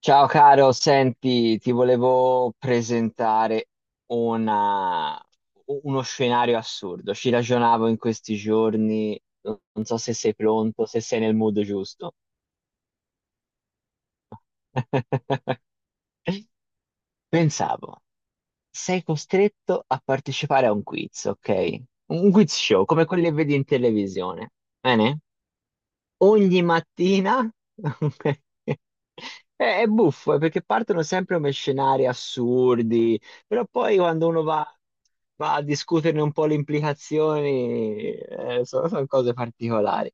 Ciao caro, senti, ti volevo presentare una- uno scenario assurdo. Ci ragionavo in questi giorni, non so se sei pronto, se sei nel mood giusto. Pensavo, sei costretto a partecipare a un quiz, ok? Un quiz show, come quelli che vedi in televisione. Bene? Ogni mattina. È buffo, perché partono sempre come scenari assurdi, però poi quando uno va, va a discuterne un po' le implicazioni, sono cose particolari.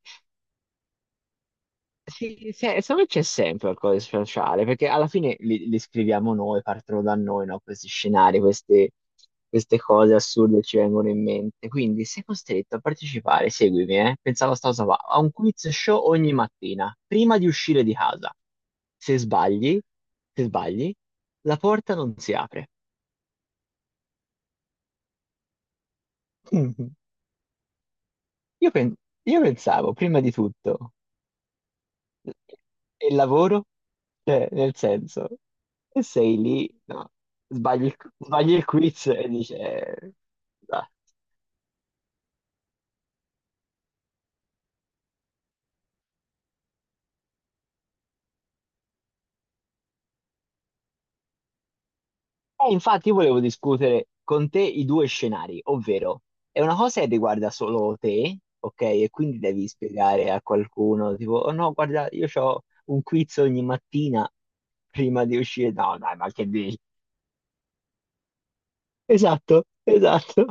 Sì, secondo me c'è sempre qualcosa di speciale, perché alla fine li scriviamo noi, partono da noi, no? Questi scenari, queste cose assurde ci vengono in mente. Quindi sei costretto a partecipare, seguimi, eh? Pensavo a sta cosa qua, a un quiz show ogni mattina, prima di uscire di casa. Se sbagli, se sbagli, la porta non si apre. Io, pen- io pensavo, prima di tutto, e il lavoro? Cioè, nel senso, e sei lì, no, sbagli il quiz e dice... ah. Infatti io volevo discutere con te i due scenari, ovvero è una cosa che riguarda solo te, ok? E quindi devi spiegare a qualcuno, tipo, oh no, guarda, io ho un quiz ogni mattina prima di uscire. No, dai, ma che dici? Esatto, esatto.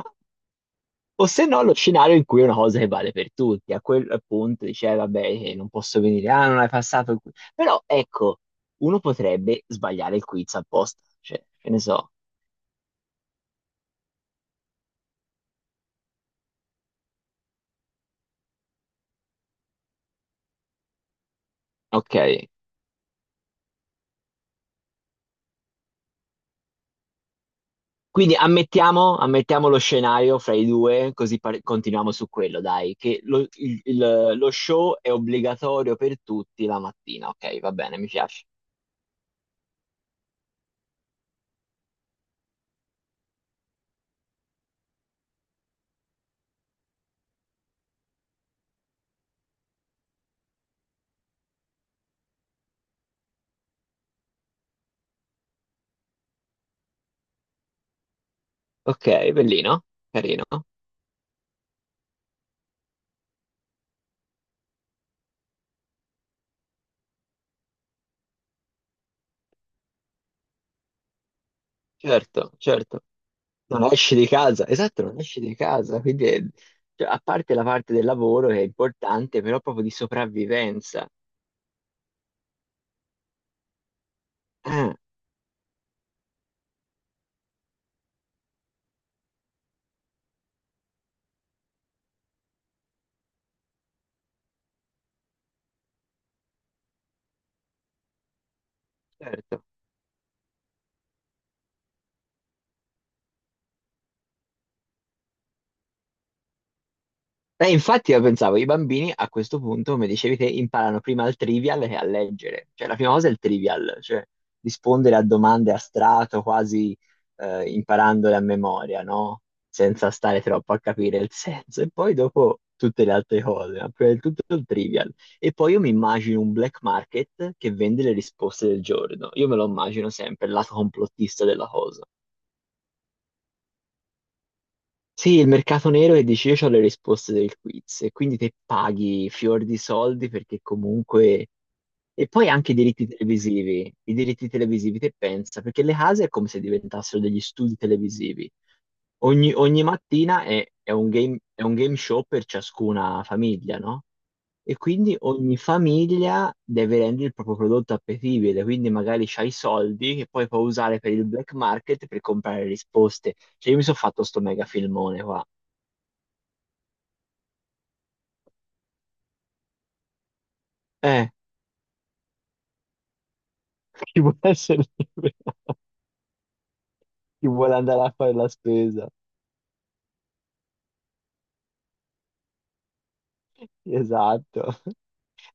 O se no, lo scenario in cui è una cosa che vale per tutti. A quel punto dice, vabbè, non posso venire, ah, non hai passato il quiz." Però ecco, uno potrebbe sbagliare il quiz apposta, cioè, che ne so. Ok, quindi ammettiamo lo scenario fra i due, così continuiamo su quello, dai, che lo show è obbligatorio per tutti la mattina. Ok, va bene, mi piace. Ok, bellino, carino. Certo, certo. Non esci di casa, esatto, non esci di casa, cioè, a parte la parte del lavoro che è importante, però proprio di sopravvivenza. Ah, certo. E infatti io pensavo, i bambini a questo punto, come dicevi te, imparano prima al trivial che a leggere. Cioè la prima cosa è il trivial, cioè rispondere a domande a strato, quasi imparandole a memoria, no? Senza stare troppo a capire il senso. E poi dopo tutte le altre cose, ma prima di tutto il trivial. E poi io mi immagino un black market che vende le risposte del giorno. Io me lo immagino sempre, il lato complottista della cosa. Sì, il mercato nero che dici io ho le risposte del quiz e quindi te paghi fior di soldi perché comunque... E poi anche i diritti televisivi te pensa, perché le case è come se diventassero degli studi televisivi. Ogni mattina è, è un game show per ciascuna famiglia, no? E quindi ogni famiglia deve rendere il proprio prodotto appetibile, quindi magari c'hai i soldi che poi puoi usare per il black market per comprare risposte. Cioè io mi sono fatto sto mega filmone qua. Eh, chi vuole essere libero, chi vuole andare a fare la spesa. Esatto.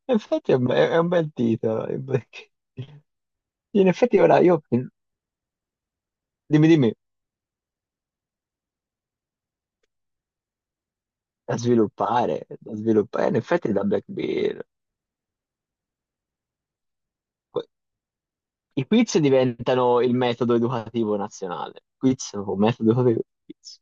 Infatti è un, è un bel titolo. In effetti ora io... Dimmi, dimmi. Da sviluppare, da sviluppare, in effetti da Black Bear. Poi, i quiz diventano il metodo educativo nazionale. Quiz o metodo educativo. Quiz.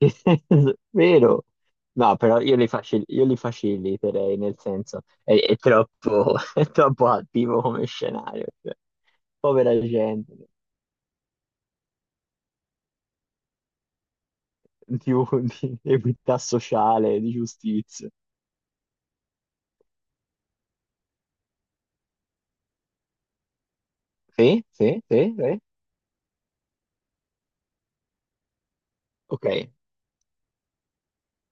Vero? No, però io li, io li faciliterei, nel senso, è troppo, è troppo attivo come scenario. Cioè, povera gente, di, un- di equità sociale, di giustizia. Sì, sì, sì, sì. Ok,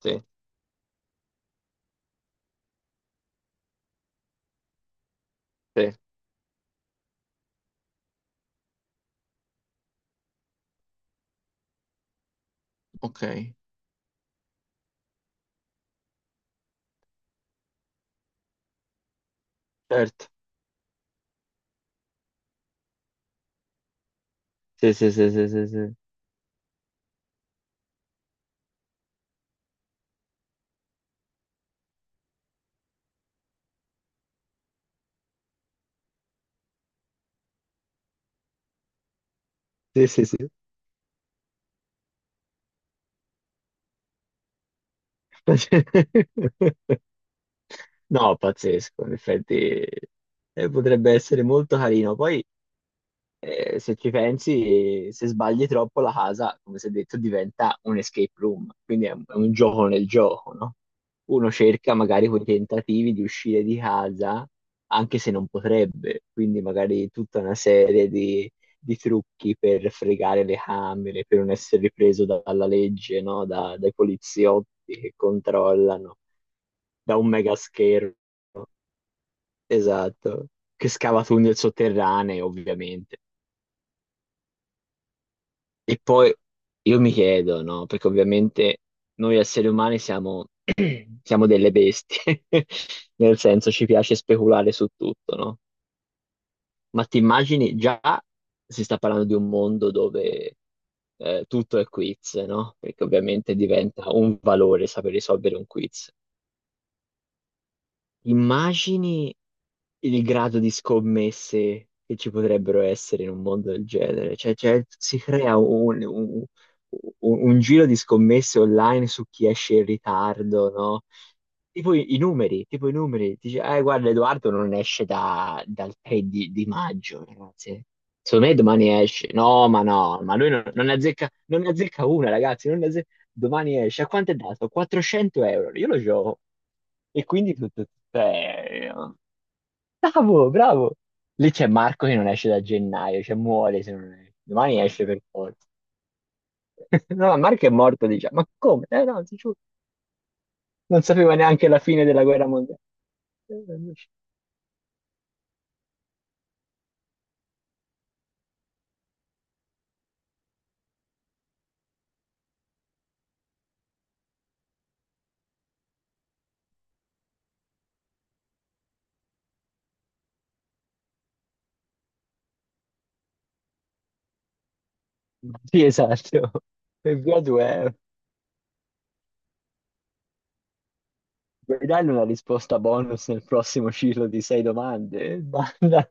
sì, sì, ok, certo. Sì, sì, sì, sì, sì, sì. Sì, sì, sì. No, pazzesco, in effetti potrebbe essere molto carino. Poi, se ci pensi, se sbagli troppo la casa, come si è detto, diventa un escape room, quindi è un gioco nel gioco, no? Uno cerca magari quei tentativi di uscire di casa, anche se non potrebbe, quindi magari tutta una serie di trucchi per fregare le camere, per non essere ripreso dalla legge, no? Dai poliziotti che controllano da un mega schermo, esatto, che scava tunnel sotterranei, ovviamente. E poi io mi chiedo, no? Perché ovviamente noi esseri umani siamo, siamo delle bestie, nel senso ci piace speculare su tutto, no? Ma ti immagini già si sta parlando di un mondo dove tutto è quiz, no? Perché ovviamente diventa un valore saper risolvere un quiz. Immagini il grado di scommesse che ci potrebbero essere in un mondo del genere. Cioè, cioè, si crea un giro di scommesse online su chi esce in ritardo, no? I numeri, tipo i numeri. Dice, guarda, Edoardo non esce dal 3 di maggio, ragazzi. Secondo me domani esce. No, ma lui non ne azzecca, non ne azzecca una, ragazzi. Non ne azze- Domani esce. A quanto è dato? 400 euro. Io lo gioco. E quindi tutto. Bravo, bravo. Lì c'è Marco che non esce da gennaio, cioè muore se non esce. Domani esce per forza. No, ma Marco è morto, diciamo. Ma come? Eh no, ti giuro, non sapeva neanche la fine della guerra mondiale. Non esce. Sì, esatto. E via tu, eh. Vuoi dargli una risposta bonus nel prossimo ciclo di sei domande? Basta.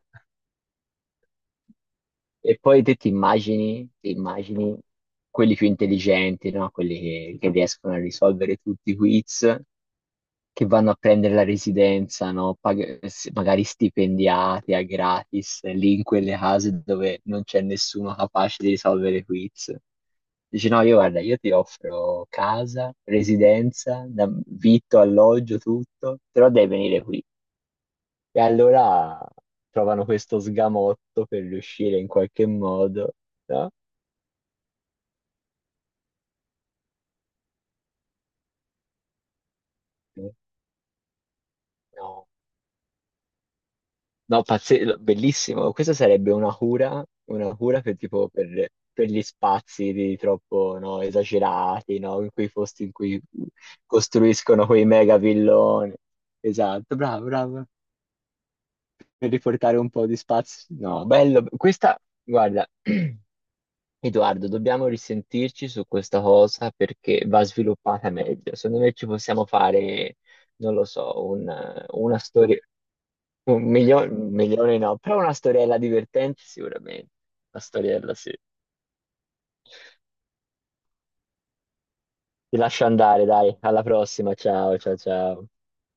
E poi ti immagini quelli più intelligenti, no? Quelli che riescono a risolvere tutti i quiz, che vanno a prendere la residenza, no? Magari stipendiati a gratis, lì in quelle case dove non c'è nessuno capace di risolvere quiz. Dici no, io guarda, io ti offro casa, residenza, vitto, alloggio, tutto, però devi venire qui. E allora trovano questo sgamotto per riuscire in qualche modo, no? No. No, bellissimo. Questa sarebbe una cura per, tipo, per gli spazi di troppo no, esagerati, no? In quei posti in cui costruiscono quei mega villoni. Esatto, bravo, bravo. Per riportare un po' di spazio. No, bello. Questa, guarda, Edoardo, dobbiamo risentirci su questa cosa perché va sviluppata meglio. Secondo me ci possiamo fare, non lo so, una storia. Milione no, però una storiella divertente sicuramente. Una storiella, sì. Ti lascio andare, dai, alla prossima, ciao, ciao, ciao.